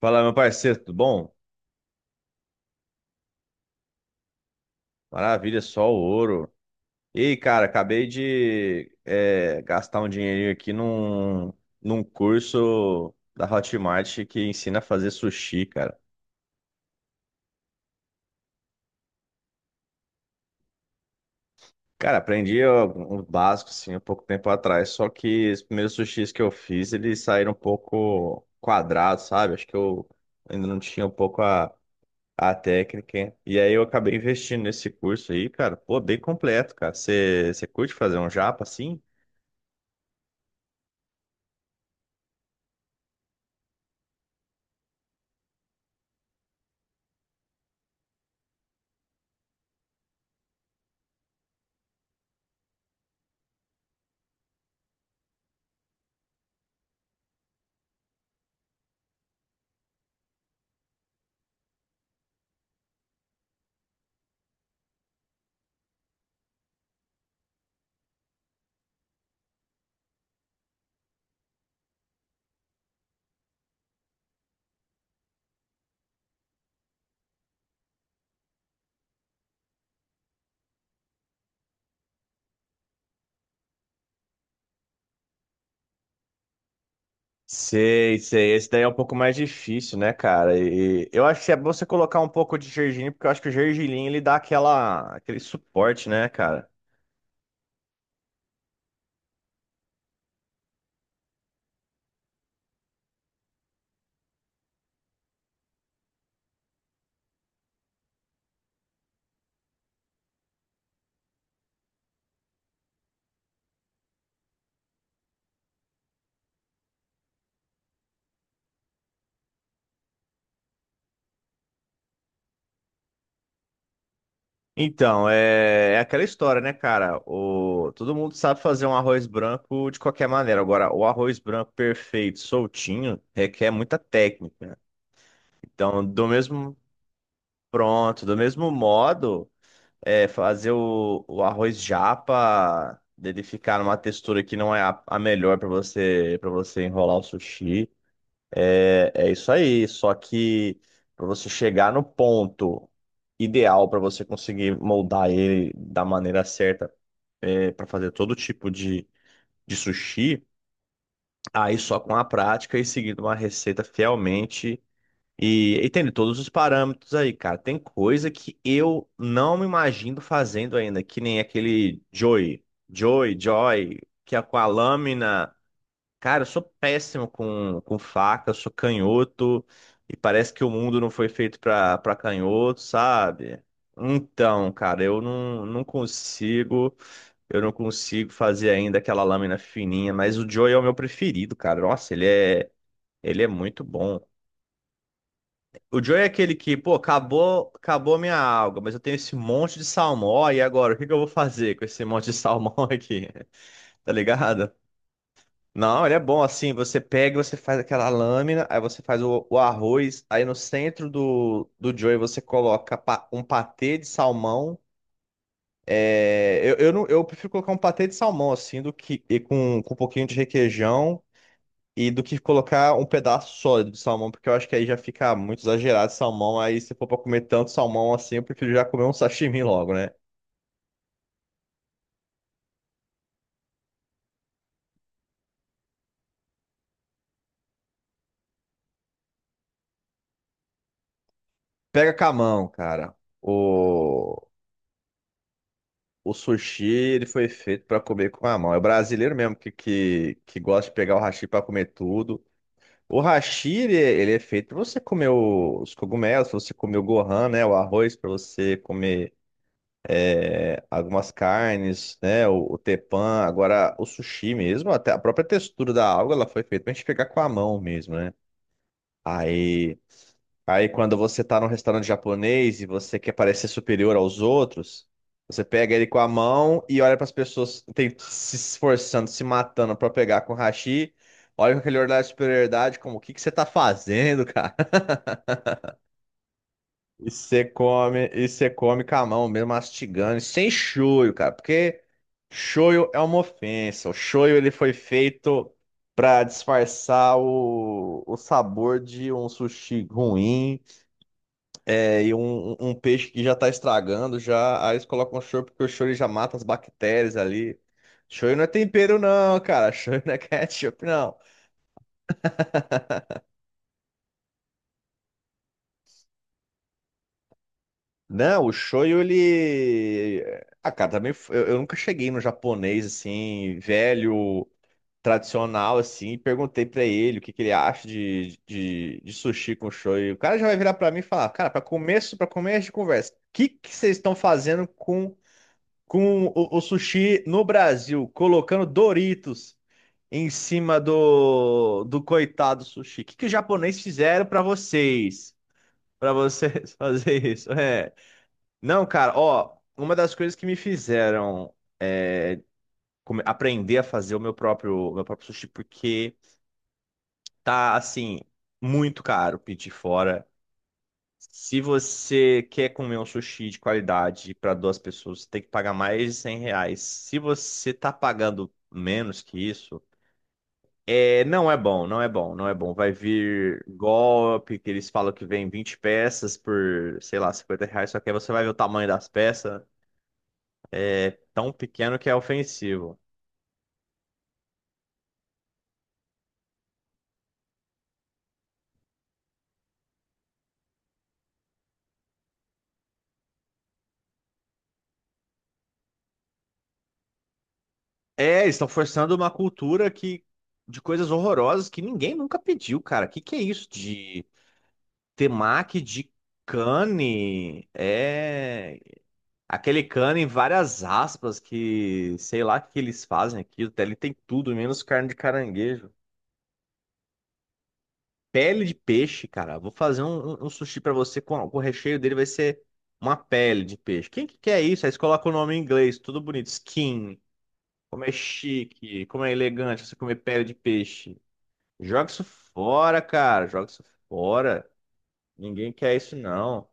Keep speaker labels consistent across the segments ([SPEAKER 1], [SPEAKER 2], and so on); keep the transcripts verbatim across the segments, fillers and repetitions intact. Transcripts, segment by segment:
[SPEAKER 1] Fala, meu parceiro, tudo bom? Maravilha, só o ouro. Ei, cara, acabei de é, gastar um dinheirinho aqui num, num curso da Hotmart que ensina a fazer sushi, cara. Cara, aprendi ó, um básico, assim, há pouco tempo atrás, só que os primeiros sushis que eu fiz, eles saíram um pouco quadrados, sabe? Acho que eu ainda não tinha um pouco a, a técnica. Hein? E aí eu acabei investindo nesse curso aí, cara. Pô, bem completo, cara. Você curte fazer um japa assim? Sei, sei. Esse daí é um pouco mais difícil, né, cara? E eu acho que é bom você colocar um pouco de gergelim, porque eu acho que o gergelim ele dá aquela, aquele suporte, né, cara? Então, é, é aquela história, né, cara? O, todo mundo sabe fazer um arroz branco de qualquer maneira. Agora, o arroz branco perfeito, soltinho, requer muita técnica. Então, do mesmo, pronto, do mesmo modo. É, fazer o, o arroz japa, dele ficar numa textura que não é a, a melhor para você para você enrolar o sushi. É, é isso aí. Só que para você chegar no ponto ideal para você conseguir moldar ele da maneira certa para fazer todo tipo de, de sushi, aí só com a prática e seguindo uma receita fielmente. E, e tem de todos os parâmetros aí, cara. Tem coisa que eu não me imagino fazendo ainda, que nem aquele Joy, Joy, Joy, que é com a lâmina. Cara, eu sou péssimo com, com faca, eu sou canhoto, e parece que o mundo não foi feito pra, pra canhoto, sabe? Então, cara, eu não, não consigo, eu não consigo fazer ainda aquela lâmina fininha, mas o Joy é o meu preferido, cara. Nossa, ele é, ele é muito bom. O Joey é aquele que, pô, acabou, acabou a minha alga, mas eu tenho esse monte de salmão, e agora, o que que eu vou fazer com esse monte de salmão aqui? Tá ligado? Não, ele é bom assim, você pega, e você faz aquela lâmina, aí você faz o, o arroz, aí no centro do, do Joey você coloca pa- um patê de salmão. É, eu, eu, não, eu prefiro colocar um patê de salmão assim, do que e com, com um pouquinho de requeijão e do que colocar um pedaço sólido de salmão, porque eu acho que aí já fica muito exagerado o salmão. Aí se for pra comer tanto salmão assim, eu prefiro já comer um sashimi logo, né? Pega com a mão, cara. O, o sushi, ele foi feito pra comer com a mão. É o brasileiro mesmo que, que, que gosta de pegar o hashi pra comer tudo. O hashi, ele, ele é feito pra você comer o- os cogumelos, pra você comer o gohan, né? O arroz, pra você comer é, algumas carnes, né? O, o tepan, agora o sushi mesmo, até a própria textura da alga, ela foi feita pra gente pegar com a mão mesmo, né? Aí, aí quando você tá num restaurante japonês e você quer parecer superior aos outros, você pega ele com a mão e olha pras pessoas tem, se esforçando, se matando pra pegar com o hashi, olha com aquele olhar de superioridade, como o que que você tá fazendo, cara? E você come, e você come com a mão mesmo, mastigando, e sem shoyu, cara, porque shoyu é uma ofensa. O shoyu ele foi feito pra disfarçar o, o sabor de um sushi ruim é, e um, um- um peixe que já tá estragando, já. Aí eles colocam shoyu porque o shoyu ele já mata as bactérias ali. Shoyu não é tempero não, cara. Shoyu não é ketchup não. Não, o shoyu ele Ah, cara, também f- eu, eu nunca cheguei no japonês assim, velho tradicional, assim, e perguntei pra ele o que, que ele acha de, de, de sushi com shoyu. O cara já vai virar pra mim e falar, cara, pra começo, para começo de conversa, o que, que vocês estão fazendo com, com o, o sushi no Brasil? Colocando Doritos em cima do, do coitado sushi. O que, que os japoneses fizeram pra vocês? Pra vocês fazer isso? É. Não, cara, ó, uma das coisas que me fizeram come- aprender a fazer o meu próprio, meu próprio sushi, porque... Tá, assim, muito caro pedir fora. Se você quer comer um sushi de qualidade para duas pessoas, você tem que pagar mais de cem reais. Se você tá pagando menos que isso, é, não é bom, não é bom, não é bom. Vai vir golpe, que eles falam que vem vinte peças por, sei lá, cinquenta reais, só que aí você vai ver o tamanho das peças, tão pequeno que é ofensivo. É, eles estão forçando uma cultura que, de coisas horrorosas que ninguém nunca pediu, cara. que que é isso de Temaki de cane é aquele cane em várias aspas que sei lá o que que eles fazem aqui. Até ele tem tudo, menos carne de caranguejo. Pele de peixe, cara. Vou fazer um, um- um sushi pra você com com o recheio dele vai ser uma pele de peixe. Quem que quer isso? Aí você coloca o nome em inglês, tudo bonito. Skin. Como é chique, como é elegante você comer pele de peixe. Joga isso fora, cara. Joga isso fora. Ninguém quer isso, não.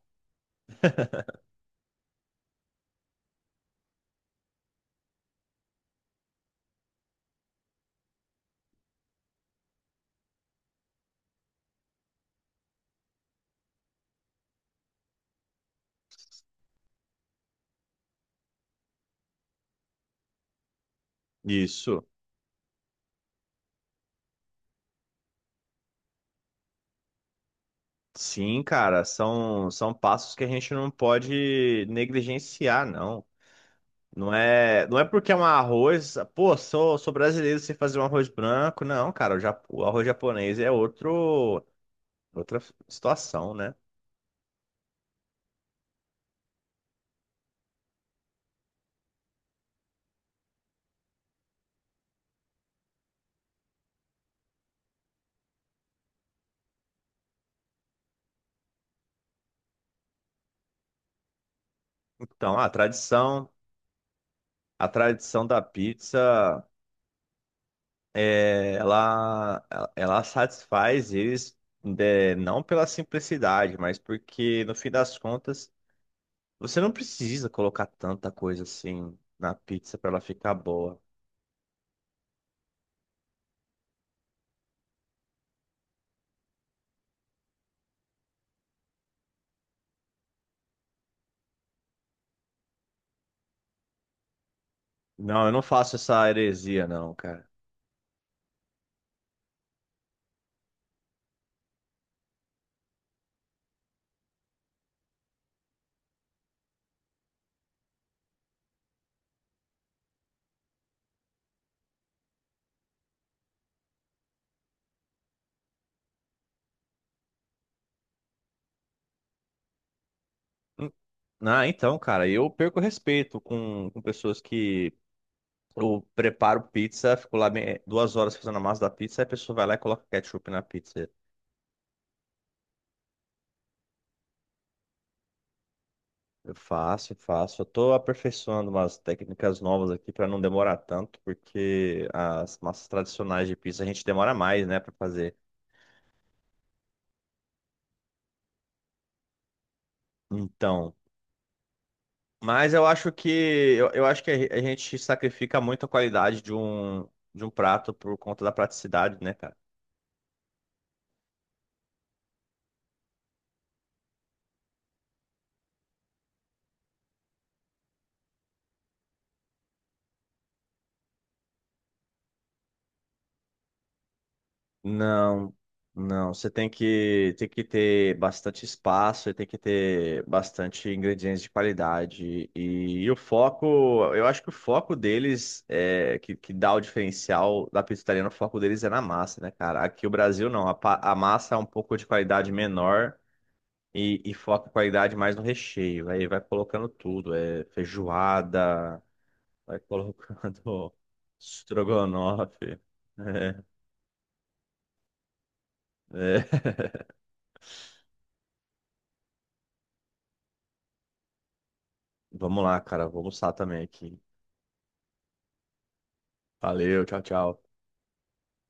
[SPEAKER 1] Isso. Sim, cara, são, são passos que a gente não pode negligenciar, não. Não é, não é porque é um arroz, pô, sou, sou brasileiro sem fazer um arroz branco, não, cara, o, ja- o arroz japonês é outro, outra situação, né? Então, a tradição, a tradição da pizza, é, ela, ela satisfaz eles, é, não pela simplicidade, mas porque no fim das contas você não precisa colocar tanta coisa assim na pizza pra ela ficar boa. Não, eu não faço essa heresia, não, cara. Hum, Ah, então, cara, eu perco respeito com, com pessoas que eu preparo pizza, fico lá me- duas horas fazendo a massa da pizza, aí a pessoa vai lá e coloca ketchup na pizza. Eu faço, eu faço. Eu tô aperfeiçoando umas técnicas novas aqui pra não demorar tanto, porque as massas tradicionais de pizza a gente demora mais, né, pra fazer. Então. Mas eu acho que eu, eu acho que a a gente sacrifica muito a qualidade de um, de um prato por conta da praticidade, né, cara? Não, não. Você tem que, tem que ter bastante espaço e tem que ter bastante ingredientes de qualidade. E, e o foco, eu acho que o foco deles é que, que dá o diferencial da pizza italiana, o foco deles é na massa, né, cara? Aqui o Brasil não, a, pa- a massa é um pouco de qualidade menor. E, e foca a qualidade mais no recheio. Aí vai colocando tudo. É feijoada, vai colocando estrogonofe. É, é. Vamos lá, cara. Vou almoçar também aqui. Valeu, tchau, tchau.